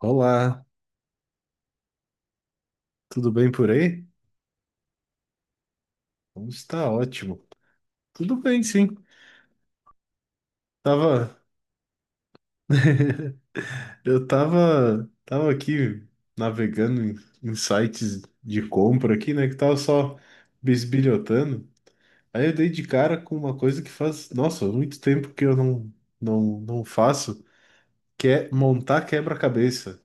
Olá, tudo bem por aí? Como está ótimo. Tudo bem, sim. Tava, eu tava aqui navegando em sites de compra aqui, né? Que tava só bisbilhotando. Aí eu dei de cara com uma coisa que faz, nossa, muito tempo que eu não faço, que é montar quebra-cabeça.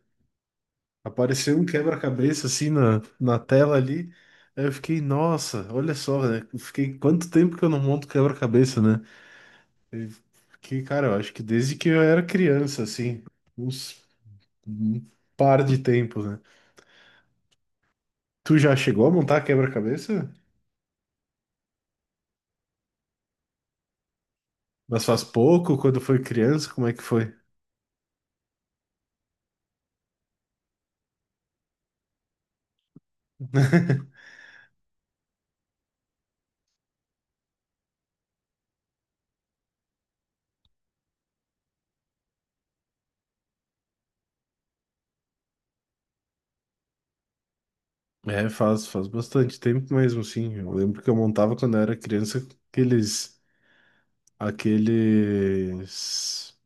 Apareceu um quebra-cabeça assim na tela ali. Aí eu fiquei, nossa, olha só, né? eu Fiquei quanto tempo que eu não monto quebra-cabeça, né? Que, cara, eu acho que desde que eu era criança, assim, uns um par de tempos, né? Tu já chegou a montar quebra-cabeça? Mas faz pouco, quando foi criança, como é que foi? É, faz bastante tempo mesmo, sim. Eu lembro que eu montava quando eu era criança aqueles, aqueles,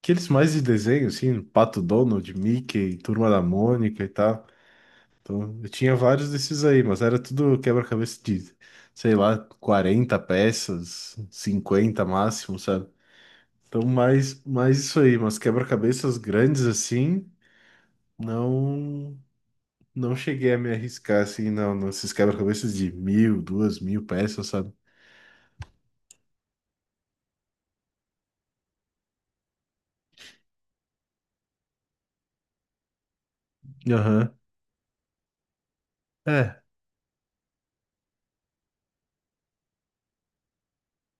aqueles mais de desenho, assim, Pato Donald, Mickey, Turma da Mônica e tal. Então, eu tinha vários desses aí, mas era tudo quebra-cabeça de, sei lá, 40 peças, 50 máximo, sabe? Então, mais isso aí, mas quebra-cabeças grandes assim, não não cheguei a me arriscar assim, não, nesses quebra-cabeças de 1.000, 2.000 peças, sabe? Aham. É.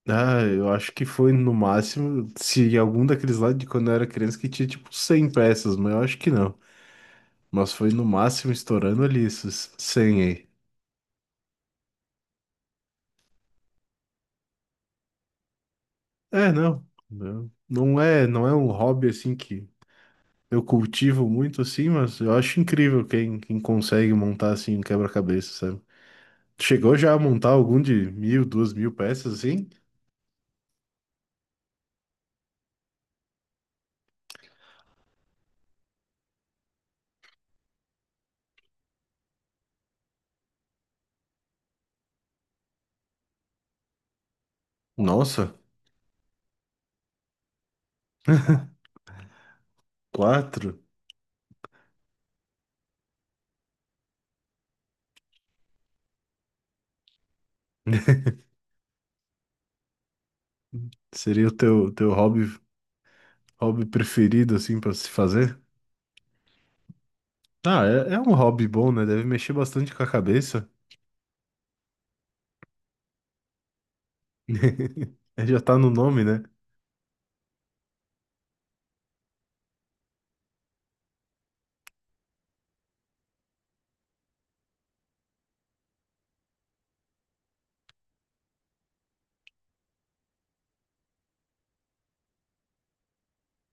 Ah, eu acho que foi no máximo, se algum daqueles lá de quando eu era criança que tinha tipo 100 peças, mas eu acho que não. Mas foi no máximo estourando ali esses 100 aí. É, não. Não é, não é um hobby assim que eu cultivo muito assim, mas eu acho incrível quem consegue montar assim um quebra-cabeça, sabe? Tu chegou já a montar algum de 1.000, duas mil peças assim? Nossa, quatro? Seria o teu hobby, hobby preferido assim pra se fazer? Ah, é um hobby bom, né? Deve mexer bastante com a cabeça. Já tá no nome, né?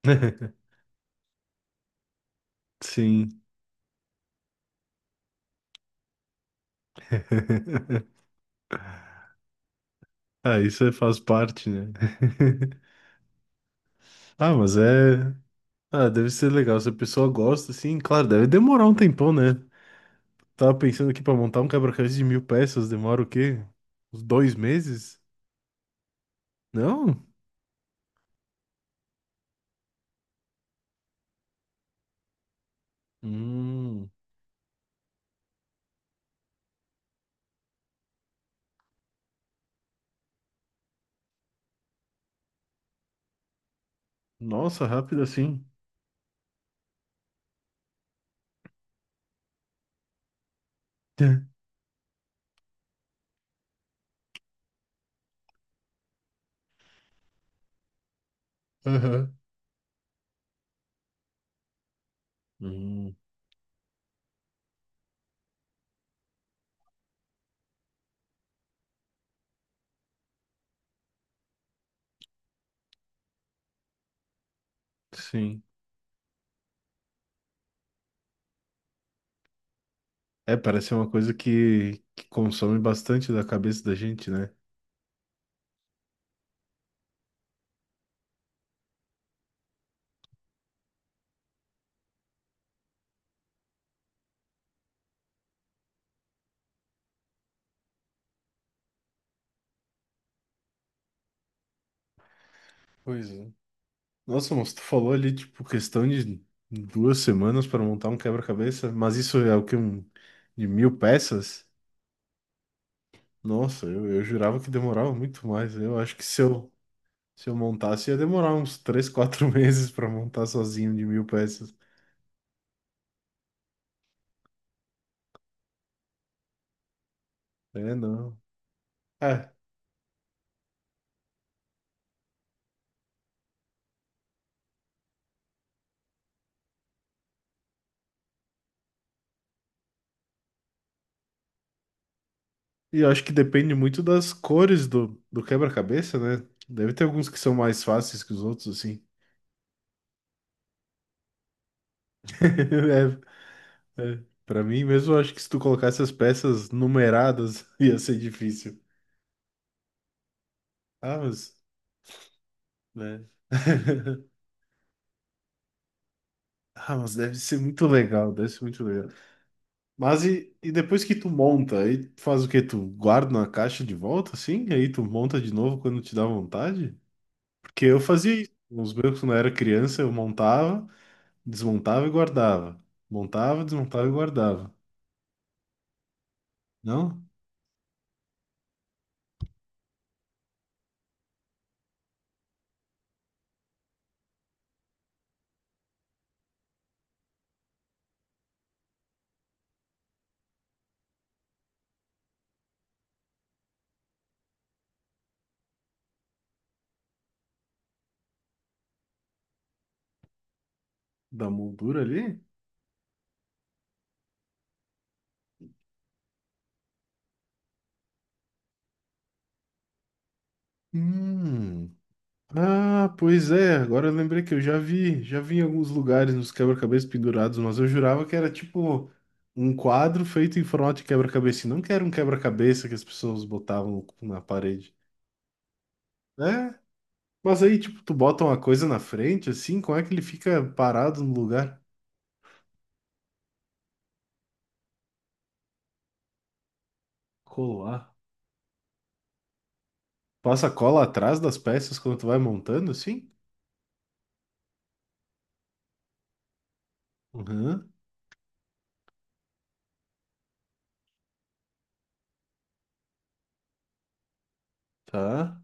Sim. Ah, isso faz parte, né? Ah, mas é. Ah, deve ser legal. Se a pessoa gosta, assim, claro, deve demorar um tempão, né? Tava pensando aqui pra montar um quebra-cabeça de 1.000 peças, demora o quê? Uns dois meses? Não? Hum, nossa, rápido assim. Aham. Hum, sim. É, parece ser uma coisa que consome bastante da cabeça da gente, né? Pois é. Nossa, mas tu falou ali, tipo, questão de 2 semanas para montar um quebra-cabeça, mas isso é o que Um, de mil peças? Nossa, eu jurava que demorava muito mais. Eu acho que se se eu montasse, ia demorar uns 3 4 meses para montar sozinho de 1.000 peças. É, não. É, e eu acho que depende muito das cores do quebra-cabeça, né? Deve ter alguns que são mais fáceis que os outros, assim. É, é. Pra mim mesmo, eu acho que se tu colocasse as peças numeradas, ia ser difícil. Ah, mas... né? Ah, mas deve ser muito legal, deve ser muito legal. Mas e depois que tu monta, aí tu faz o quê? Tu guarda na caixa de volta, assim? Aí tu monta de novo quando te dá vontade? Porque eu fazia isso. Nos meus, quando eu era criança, eu montava, desmontava e guardava. Montava, desmontava e guardava. Não? Da moldura ali? Hum. Ah, pois é. Agora eu lembrei que eu já vi. Já vi em alguns lugares nos quebra-cabeças pendurados, mas eu jurava que era tipo um quadro feito em formato de quebra-cabeça. Não que era um quebra-cabeça que as pessoas botavam na parede. É, mas aí, tipo, tu bota uma coisa na frente, assim, como é que ele fica parado no lugar? Colar. Passa cola atrás das peças quando tu vai montando, assim? Uhum, tá.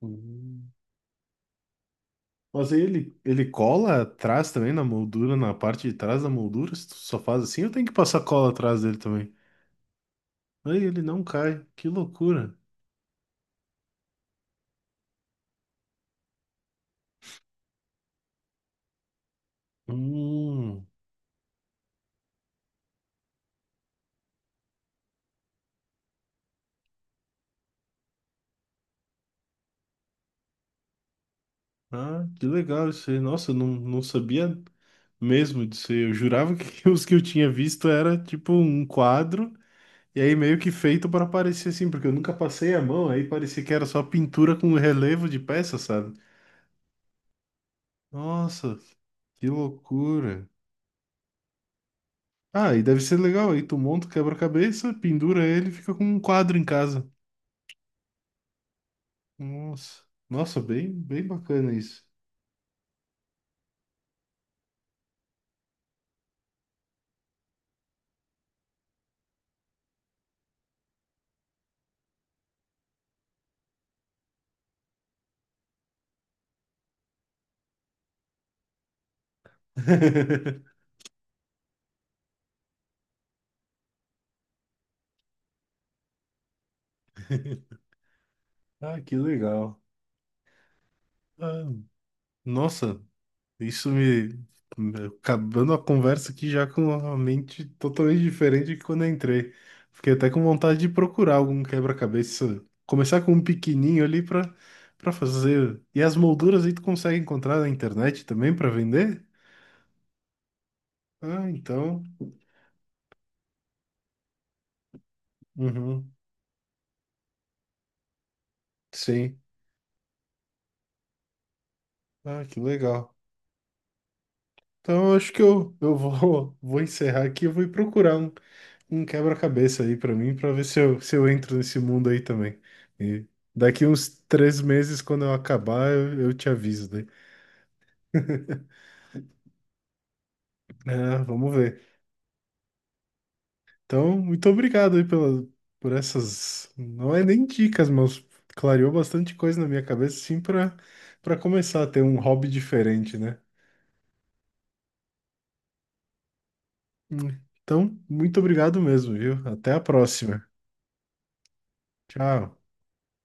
Uhum. Mas aí ele cola atrás também na moldura, na parte de trás da moldura, se tu só faz assim, eu tenho que passar cola atrás dele também. Aí ele não cai, que loucura. Hum, ah, que legal isso aí. Nossa, eu não, não sabia mesmo disso aí. Eu jurava que os que eu tinha visto era tipo um quadro E aí meio que feito pra parecer assim, porque eu nunca passei a mão, aí parecia que era só pintura com relevo de peça, sabe? Nossa, que loucura. Ah, e deve ser legal, aí tu monta o quebra-cabeça, pendura ele, e fica com um quadro em casa. Nossa, bem, bem bacana isso. Ah, que legal. Ah, nossa, Isso me. Acabando a conversa aqui já com a mente totalmente diferente de quando eu entrei. Fiquei até com vontade de procurar algum quebra-cabeça. Começar com um pequenininho ali pra, pra fazer. E as molduras aí tu consegue encontrar na internet também pra vender? Ah, então. Uhum, sim. Ah, que legal. Então eu acho que eu vou, vou encerrar aqui e vou ir procurar um quebra-cabeça aí pra mim, pra ver se se eu entro nesse mundo aí também. E daqui uns 3 meses, quando eu acabar, eu te aviso daí. Ah, vamos ver. Então, muito obrigado aí por essas. Não é nem dicas, mas clareou bastante coisa na minha cabeça, sim, pra para começar a ter um hobby diferente, né? Hum. Então, muito obrigado mesmo, viu? Até a próxima. Tchau.